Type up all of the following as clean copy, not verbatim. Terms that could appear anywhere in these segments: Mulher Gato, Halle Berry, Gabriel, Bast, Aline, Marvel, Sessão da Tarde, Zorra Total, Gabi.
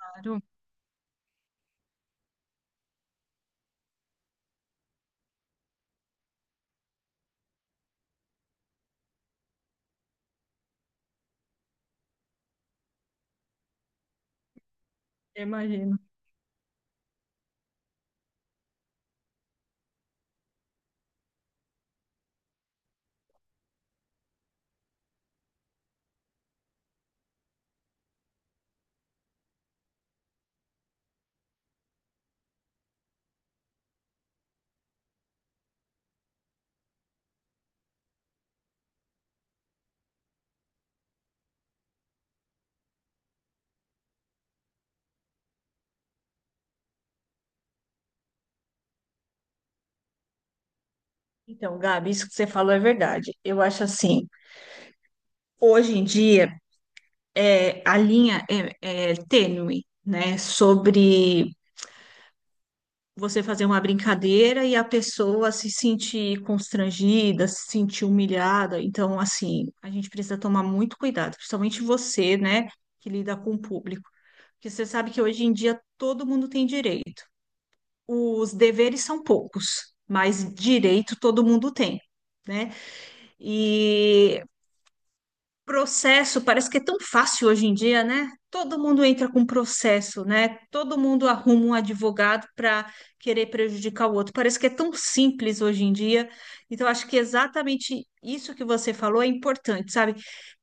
Claro, eu imagino. Então, Gabi, isso que você falou é verdade. Eu acho assim, hoje em dia a linha é tênue, né? Sobre você fazer uma brincadeira e a pessoa se sentir constrangida, se sentir humilhada. Então, assim, a gente precisa tomar muito cuidado, principalmente você, né, que lida com o público. Porque você sabe que hoje em dia todo mundo tem direito. Os deveres são poucos, mas direito todo mundo tem, né? E processo, parece que é tão fácil hoje em dia, né? Todo mundo entra com processo, né? Todo mundo arruma um advogado para querer prejudicar o outro. Parece que é tão simples hoje em dia. Então, acho que exatamente isso que você falou é importante, sabe?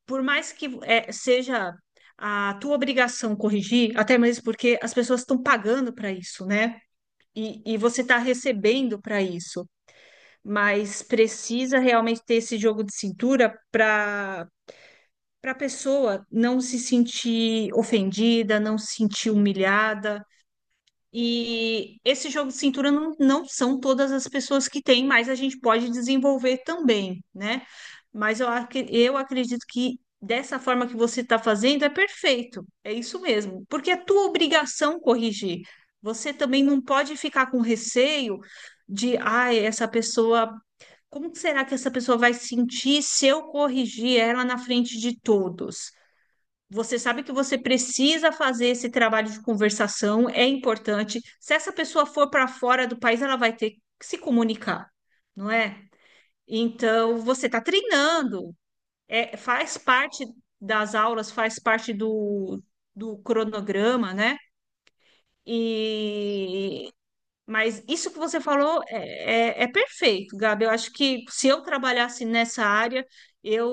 Por mais que seja a tua obrigação corrigir, até mesmo porque as pessoas estão pagando para isso, né? E você está recebendo para isso, mas precisa realmente ter esse jogo de cintura para para a pessoa não se sentir ofendida, não se sentir humilhada. E esse jogo de cintura não são todas as pessoas que têm, mas a gente pode desenvolver também, né? Mas eu acredito que dessa forma que você está fazendo é perfeito, é isso mesmo, porque é tua obrigação corrigir. Você também não pode ficar com receio de, ai, essa pessoa, como será que essa pessoa vai sentir se eu corrigir ela na frente de todos? Você sabe que você precisa fazer esse trabalho de conversação, é importante. Se essa pessoa for para fora do país, ela vai ter que se comunicar, não é? Então, você está treinando, faz parte das aulas, faz parte do cronograma, né? E mas isso que você falou é perfeito, Gabi. Eu acho que se eu trabalhasse nessa área, eu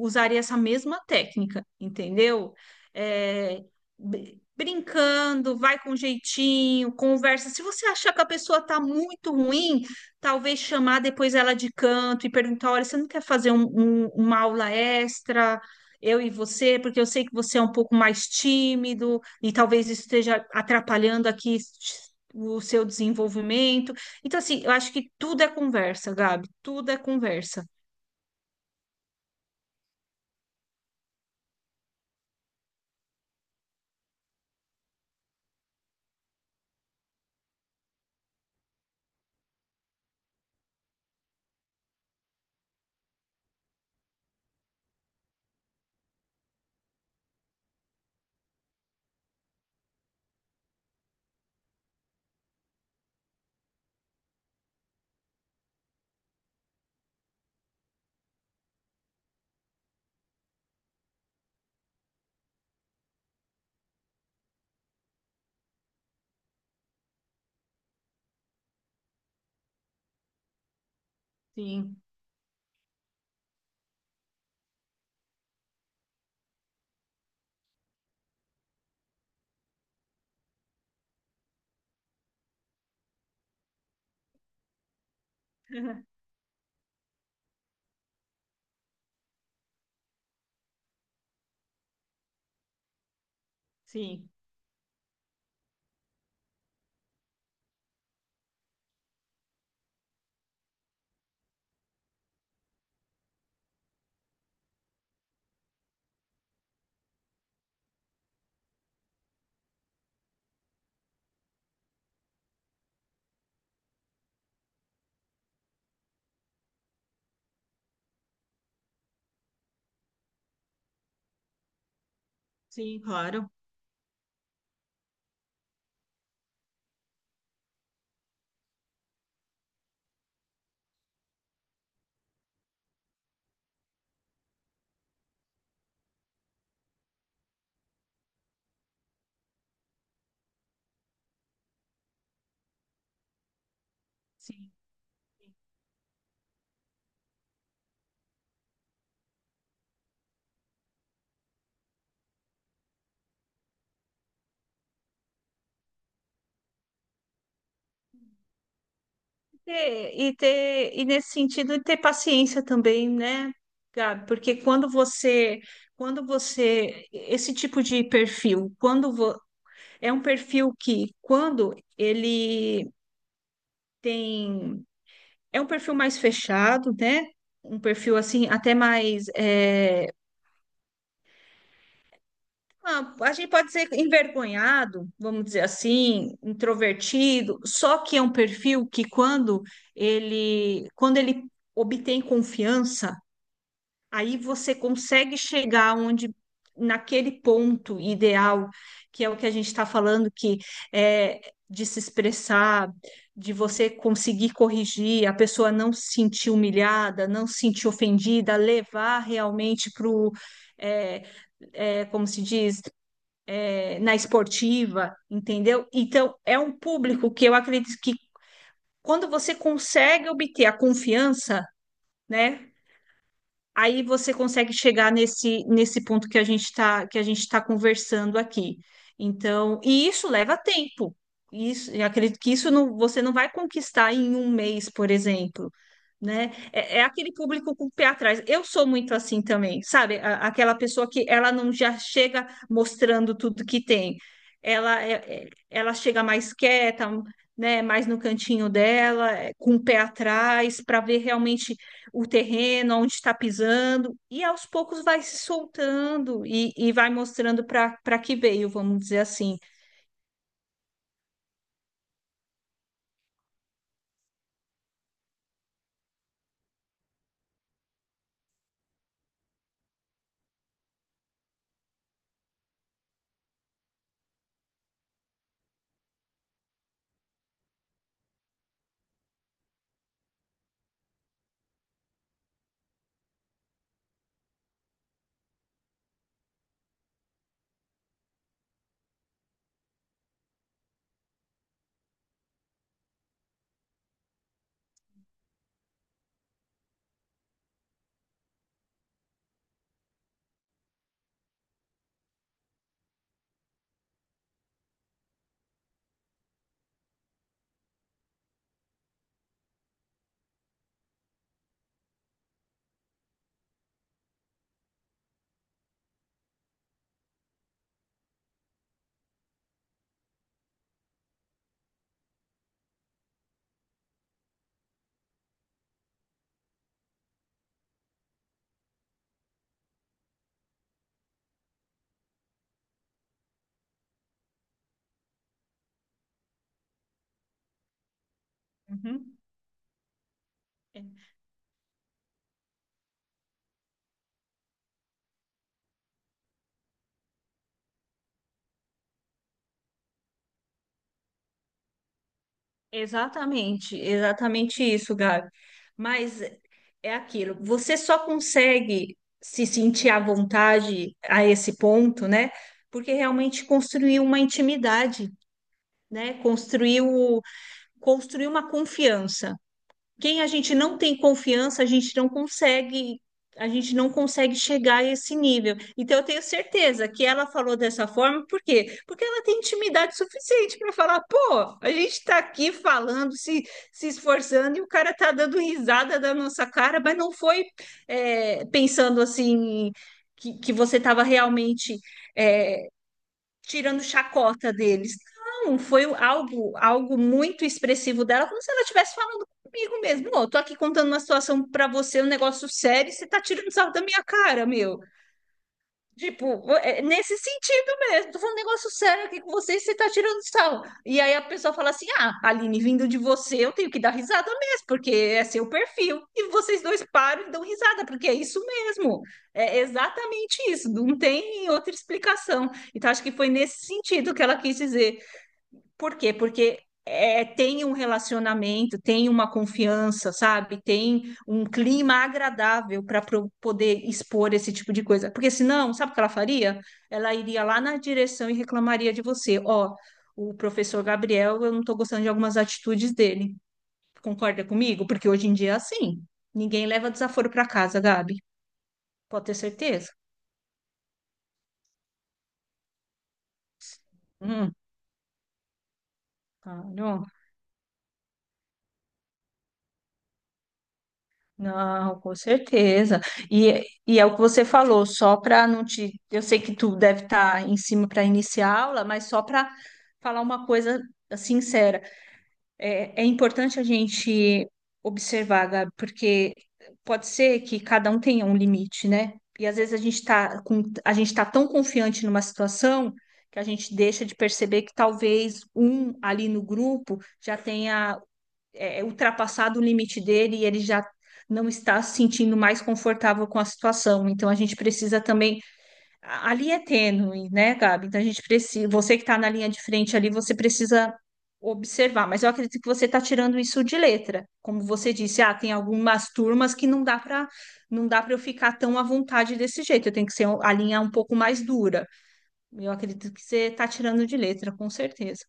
usaria essa mesma técnica, entendeu? É, brincando, vai com jeitinho, conversa. Se você achar que a pessoa está muito ruim, talvez chamar depois ela de canto e perguntar: olha, você não quer fazer uma aula extra? Eu e você, porque eu sei que você é um pouco mais tímido e talvez isso esteja atrapalhando aqui o seu desenvolvimento. Então, assim, eu acho que tudo é conversa, Gabi, tudo é conversa. Sim, sim, sim, claro. Sim. E ter, e nesse sentido, ter paciência também, né, Gabi? Porque quando você, esse tipo de perfil, é um perfil que, tem, é um perfil mais fechado, né? Um perfil assim, até mais, é, ah, a gente pode ser envergonhado, vamos dizer assim, introvertido, só que é um perfil que quando ele obtém confiança, aí você consegue chegar onde naquele ponto ideal, que é o que a gente está falando, que é de se expressar, de você conseguir corrigir, a pessoa não se sentir humilhada, não se sentir ofendida, levar realmente para o, como se diz? É, na esportiva, entendeu? Então, é um público que eu acredito que quando você consegue obter a confiança, né, aí você consegue chegar nesse ponto que a gente está que a gente está conversando aqui. Então, e isso leva tempo. Isso, eu acredito que você não vai conquistar em um mês, por exemplo, né? É aquele público com o pé atrás. Eu sou muito assim também, sabe? Aquela pessoa que ela não já chega mostrando tudo que tem. Ela, é- ela chega mais quieta, né? Mais no cantinho dela, é, com o pé atrás, para ver realmente o terreno, onde está pisando, e aos poucos vai se soltando e vai mostrando para para que veio, vamos dizer assim. Uhum. Exatamente, exatamente isso, Gabi. Mas é aquilo, você só consegue se sentir à vontade a esse ponto, né? Porque realmente construiu uma intimidade, né? Construiu, construiu uma confiança. Quem a gente não tem confiança, a gente não consegue, a gente não consegue chegar a esse nível. Então eu tenho certeza que ela falou dessa forma, por quê? Porque ela tem intimidade suficiente para falar, pô, a gente está aqui falando, se esforçando, e o cara tá dando risada da nossa cara, mas não foi pensando assim que você estava realmente tirando chacota deles. Não, foi algo, algo muito expressivo dela, como se ela estivesse falando comigo mesmo. Ô, eu tô aqui contando uma situação pra você, um negócio sério, e você tá tirando sarro da minha cara, meu. Tipo, é nesse sentido mesmo. Tô falando um negócio sério aqui com vocês, você tá tirando sarro. E aí a pessoa fala assim: ah, Aline, vindo de você, eu tenho que dar risada mesmo, porque é seu perfil. E vocês dois param e dão risada, porque é isso mesmo. É exatamente isso. Não tem outra explicação. Então, acho que foi nesse sentido que ela quis dizer. Por quê? Porque é, tem um relacionamento, tem uma confiança, sabe? Tem um clima agradável para poder expor esse tipo de coisa. Porque senão, sabe o que ela faria? Ela iria lá na direção e reclamaria de você. Ó, o professor Gabriel, eu não estou gostando de algumas atitudes dele. Concorda comigo? Porque hoje em dia é assim. Ninguém leva desaforo para casa, Gabi. Pode ter certeza. Hum, caralho. Não, com certeza. E é o que você falou, só para não te. Eu sei que tu deve estar em cima para iniciar a aula, mas só para falar uma coisa sincera. É, é importante a gente observar, Gabi, porque pode ser que cada um tenha um limite, né? E às vezes a gente está com, a gente está tão confiante numa situação que a gente deixa de perceber que talvez um ali no grupo já tenha é ultrapassado o limite dele e ele já não está se sentindo mais confortável com a situação. Então a gente precisa também. Ali é tênue, né, Gabi? Então a gente precisa. Você que está na linha de frente ali, você precisa observar. Mas eu acredito que você está tirando isso de letra. Como você disse, ah, tem algumas turmas que não dá para eu ficar tão à vontade desse jeito. Eu tenho que ser um, a linha um pouco mais dura. Eu acredito que você está tirando de letra, com certeza.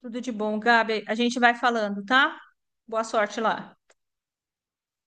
Tudo de bom, Gabi. A gente vai falando, tá? Boa sorte lá.